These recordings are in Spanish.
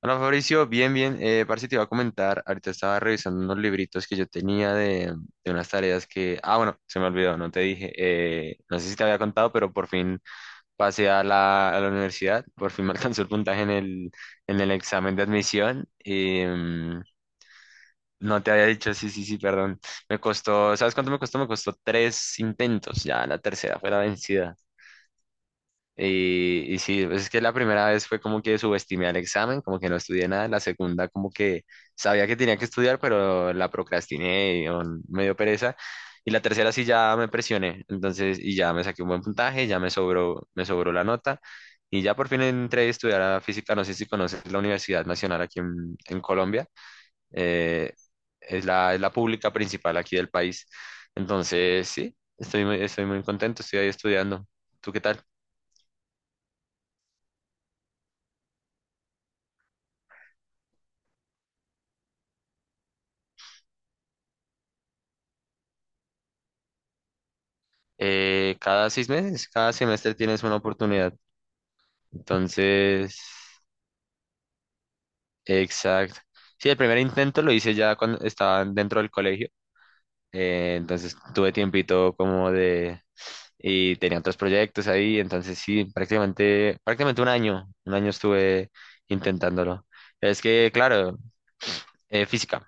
Hola Fabricio, bien, bien. Parce, te iba a comentar, ahorita estaba revisando unos libritos que yo tenía de unas tareas que... Ah, bueno, se me olvidó, no te dije. No sé si te había contado, pero por fin pasé a la universidad, por fin me alcanzó el puntaje en el examen de admisión. Y, no te había dicho, sí, sí, sí, perdón. Me costó, ¿sabes cuánto me costó? Me costó tres intentos, ya la tercera fue la vencida. Y sí, pues es que la primera vez fue como que subestimé al examen, como que no estudié nada. La segunda como que sabía que tenía que estudiar, pero la procrastiné, me dio pereza. Y la tercera sí ya me presioné, entonces, y ya me saqué un buen puntaje, ya me sobró la nota. Y ya por fin entré a estudiar a física, no sé si conoces la Universidad Nacional aquí en Colombia. eh, es la pública principal aquí del país. Entonces, sí, estoy muy contento, estoy ahí estudiando. ¿Tú qué tal? Cada seis meses, cada semestre tienes una oportunidad. Entonces, exacto. Sí, el primer intento lo hice ya cuando estaba dentro del colegio. Entonces tuve tiempito como de... Y tenía otros proyectos ahí. Entonces, sí, prácticamente, prácticamente un año. Un año estuve intentándolo. Es que, claro, física.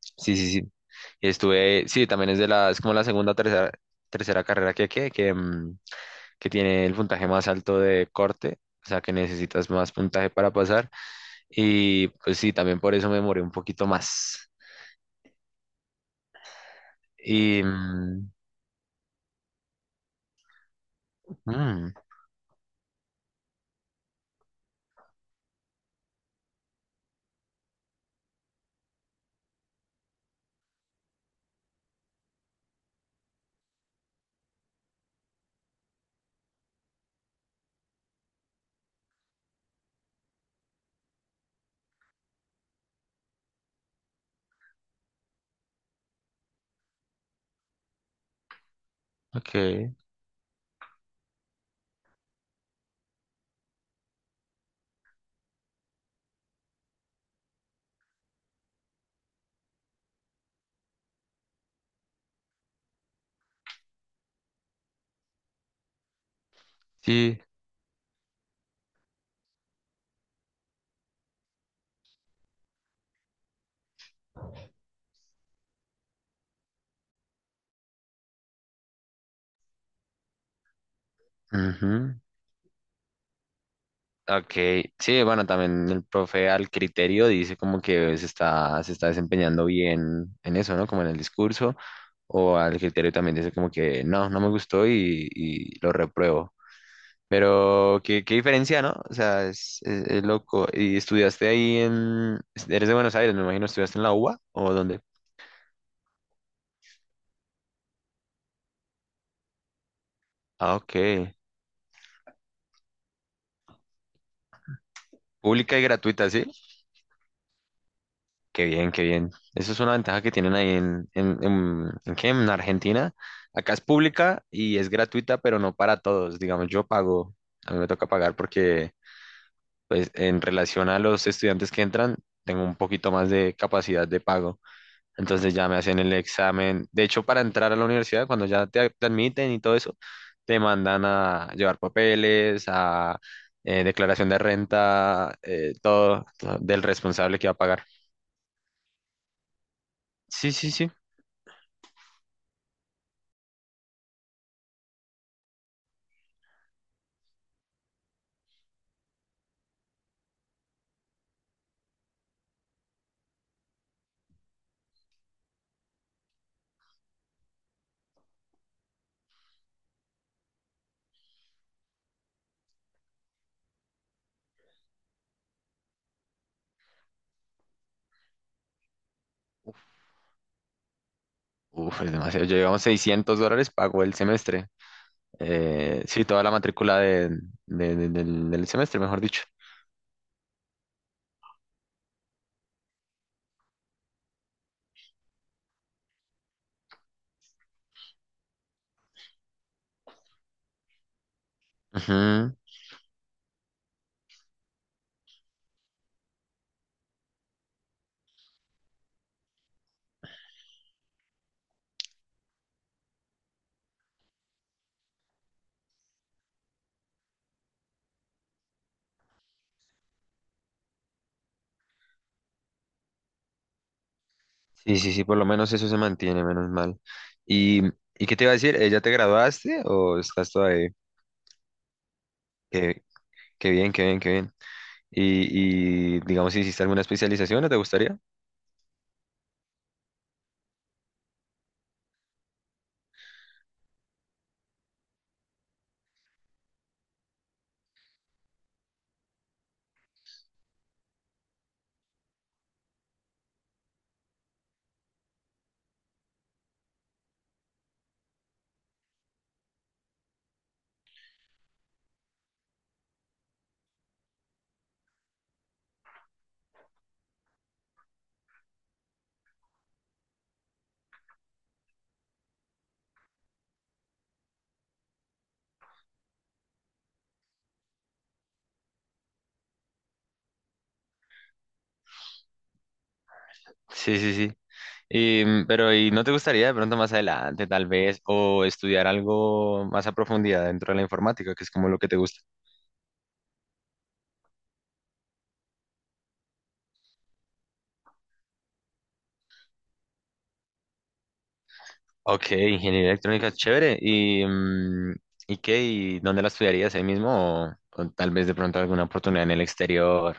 Sí, sí, sí. Y estuve, sí, también es de la, es como la segunda o tercera carrera que tiene el puntaje más alto de corte, o sea que necesitas más puntaje para pasar. Y pues sí, también por eso me demoré un poquito más. Y... mm, ok, sí. Ujú. Ok, sí, bueno, también el profe al criterio dice como que se está desempeñando bien en eso, ¿no? Como en el discurso, o al criterio también dice como que no, no me gustó y lo repruebo. Pero qué, qué diferencia, ¿no? O sea, es loco. ¿Y estudiaste ahí en... ¿Eres de Buenos Aires, me imagino, ¿estudiaste en la UBA o dónde? Ah, ok. ¿Pública y gratuita, sí? Qué bien, qué bien. Eso es una ventaja que tienen ahí en... ¿En qué? ¿En Argentina? Acá es pública y es gratuita, pero no para todos. Digamos, yo pago, a mí me toca pagar porque, pues, en relación a los estudiantes que entran, tengo un poquito más de capacidad de pago. Entonces ya me hacían el examen. De hecho, para entrar a la universidad, cuando ya te admiten y todo eso, te mandan a llevar papeles, a declaración de renta, todo, todo del responsable que va a pagar. Sí, sí, sí. Uf, es demasiado. Yo llevamos 600 dólares, pago el semestre. Sí, toda la matrícula del semestre, mejor dicho. Ujú. Sí, sí, sí, por lo menos eso se mantiene, menos mal. ¿Y, y qué te iba a decir? ¿Eh, ya te graduaste o estás todavía? Qué bien, qué bien, qué bien. Y digamos, si hiciste alguna especialización, ¿no te gustaría? Sí, sí, sí. Y, pero, ¿y no te gustaría de pronto más adelante, tal vez, o estudiar algo más a profundidad dentro de la informática, que es como lo que te gusta? Ok, ingeniería electrónica, chévere. ¿Y, ¿y qué? ¿Y dónde la estudiarías ahí mismo? O tal vez de pronto alguna oportunidad en el exterior.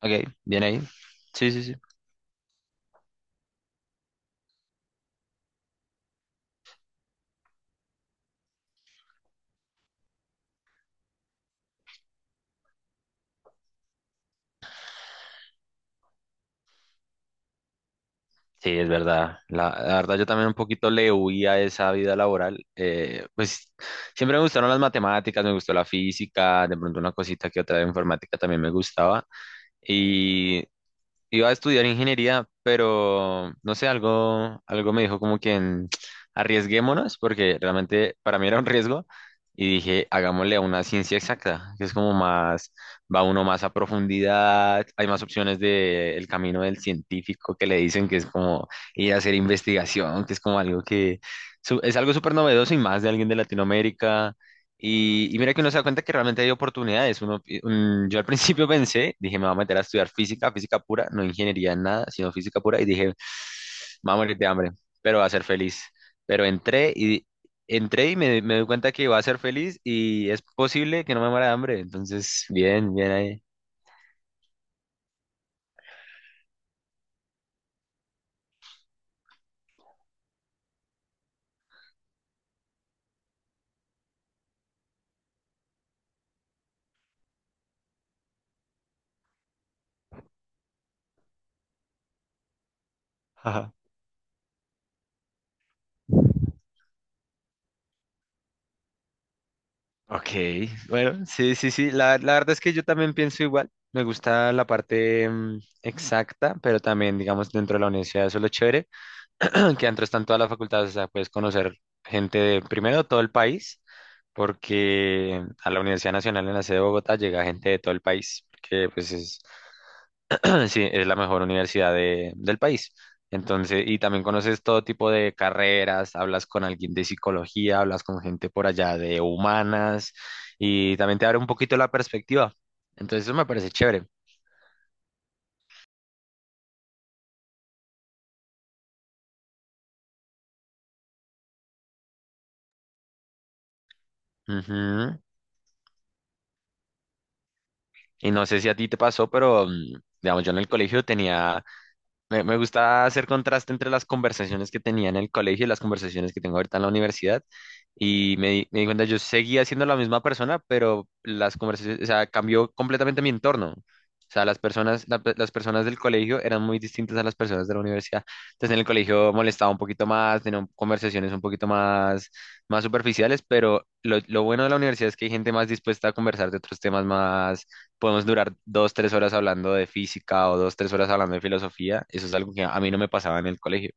Ok, bien ahí. Sí, sí, sí. Sí, es verdad. La verdad, yo también un poquito le huía a esa vida laboral. Pues siempre me gustaron las matemáticas, me gustó la física, de pronto una cosita que otra de informática también me gustaba. Y iba a estudiar ingeniería, pero no sé, algo me dijo como que arriesguémonos, porque realmente para mí era un riesgo, y dije, hagámosle a una ciencia exacta, que es como más, va uno más a profundidad, hay más opciones del camino del científico que le dicen que es como ir a hacer investigación, que es como algo que es algo súper novedoso y más de alguien de Latinoamérica. Y mira que uno se da cuenta que realmente hay oportunidades. Yo al principio pensé, dije, me voy a meter a estudiar física, física pura, no ingeniería, nada, sino física pura, y dije, me voy a morir de hambre, pero va a ser feliz. Pero entré entré y me doy cuenta que va a ser feliz y es posible que no me muera de hambre. Entonces, bien, bien ahí. Ajá. Ok, bueno, sí, sí, sí. La verdad es que yo también pienso igual. Me gusta la parte exacta, pero también, digamos, dentro de la universidad, eso es lo chévere. Que adentro están todas las facultades, o sea, puedes conocer gente de primero todo el país, porque a la Universidad Nacional en la sede de Bogotá llega gente de todo el país, que pues es, sí, es la mejor universidad del país. Entonces, y también conoces todo tipo de carreras, hablas con alguien de psicología, hablas con gente por allá de humanas, y también te abre un poquito la perspectiva. Entonces, eso me parece chévere. Ujú. Y no sé si a ti te pasó, pero, digamos, yo en el colegio tenía. Me gusta hacer contraste entre las conversaciones que tenía en el colegio y las conversaciones que tengo ahorita en la universidad. Y me di cuenta, yo seguía siendo la misma persona, pero las conversaciones, o sea, cambió completamente mi entorno. O sea, las personas, las personas del colegio eran muy distintas a las personas de la universidad. Entonces, en el colegio molestaba un poquito más, tenía conversaciones un poquito más, más superficiales, pero lo bueno de la universidad es que hay gente más dispuesta a conversar de otros temas, podemos durar dos, tres horas hablando de física o dos, tres horas hablando de filosofía. Eso es algo que a mí no me pasaba en el colegio.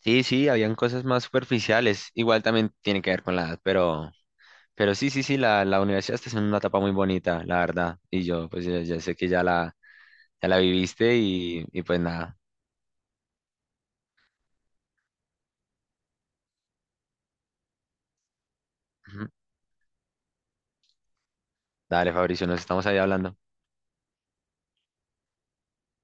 Sí, sí, habían cosas más superficiales. Igual también tiene que ver con la edad, pero sí, sí, sí, la universidad está en una etapa muy bonita, la verdad. Y yo, pues ya, ya sé que ya ya la viviste y pues nada. Ujú. Dale, Fabricio, nos estamos ahí hablando.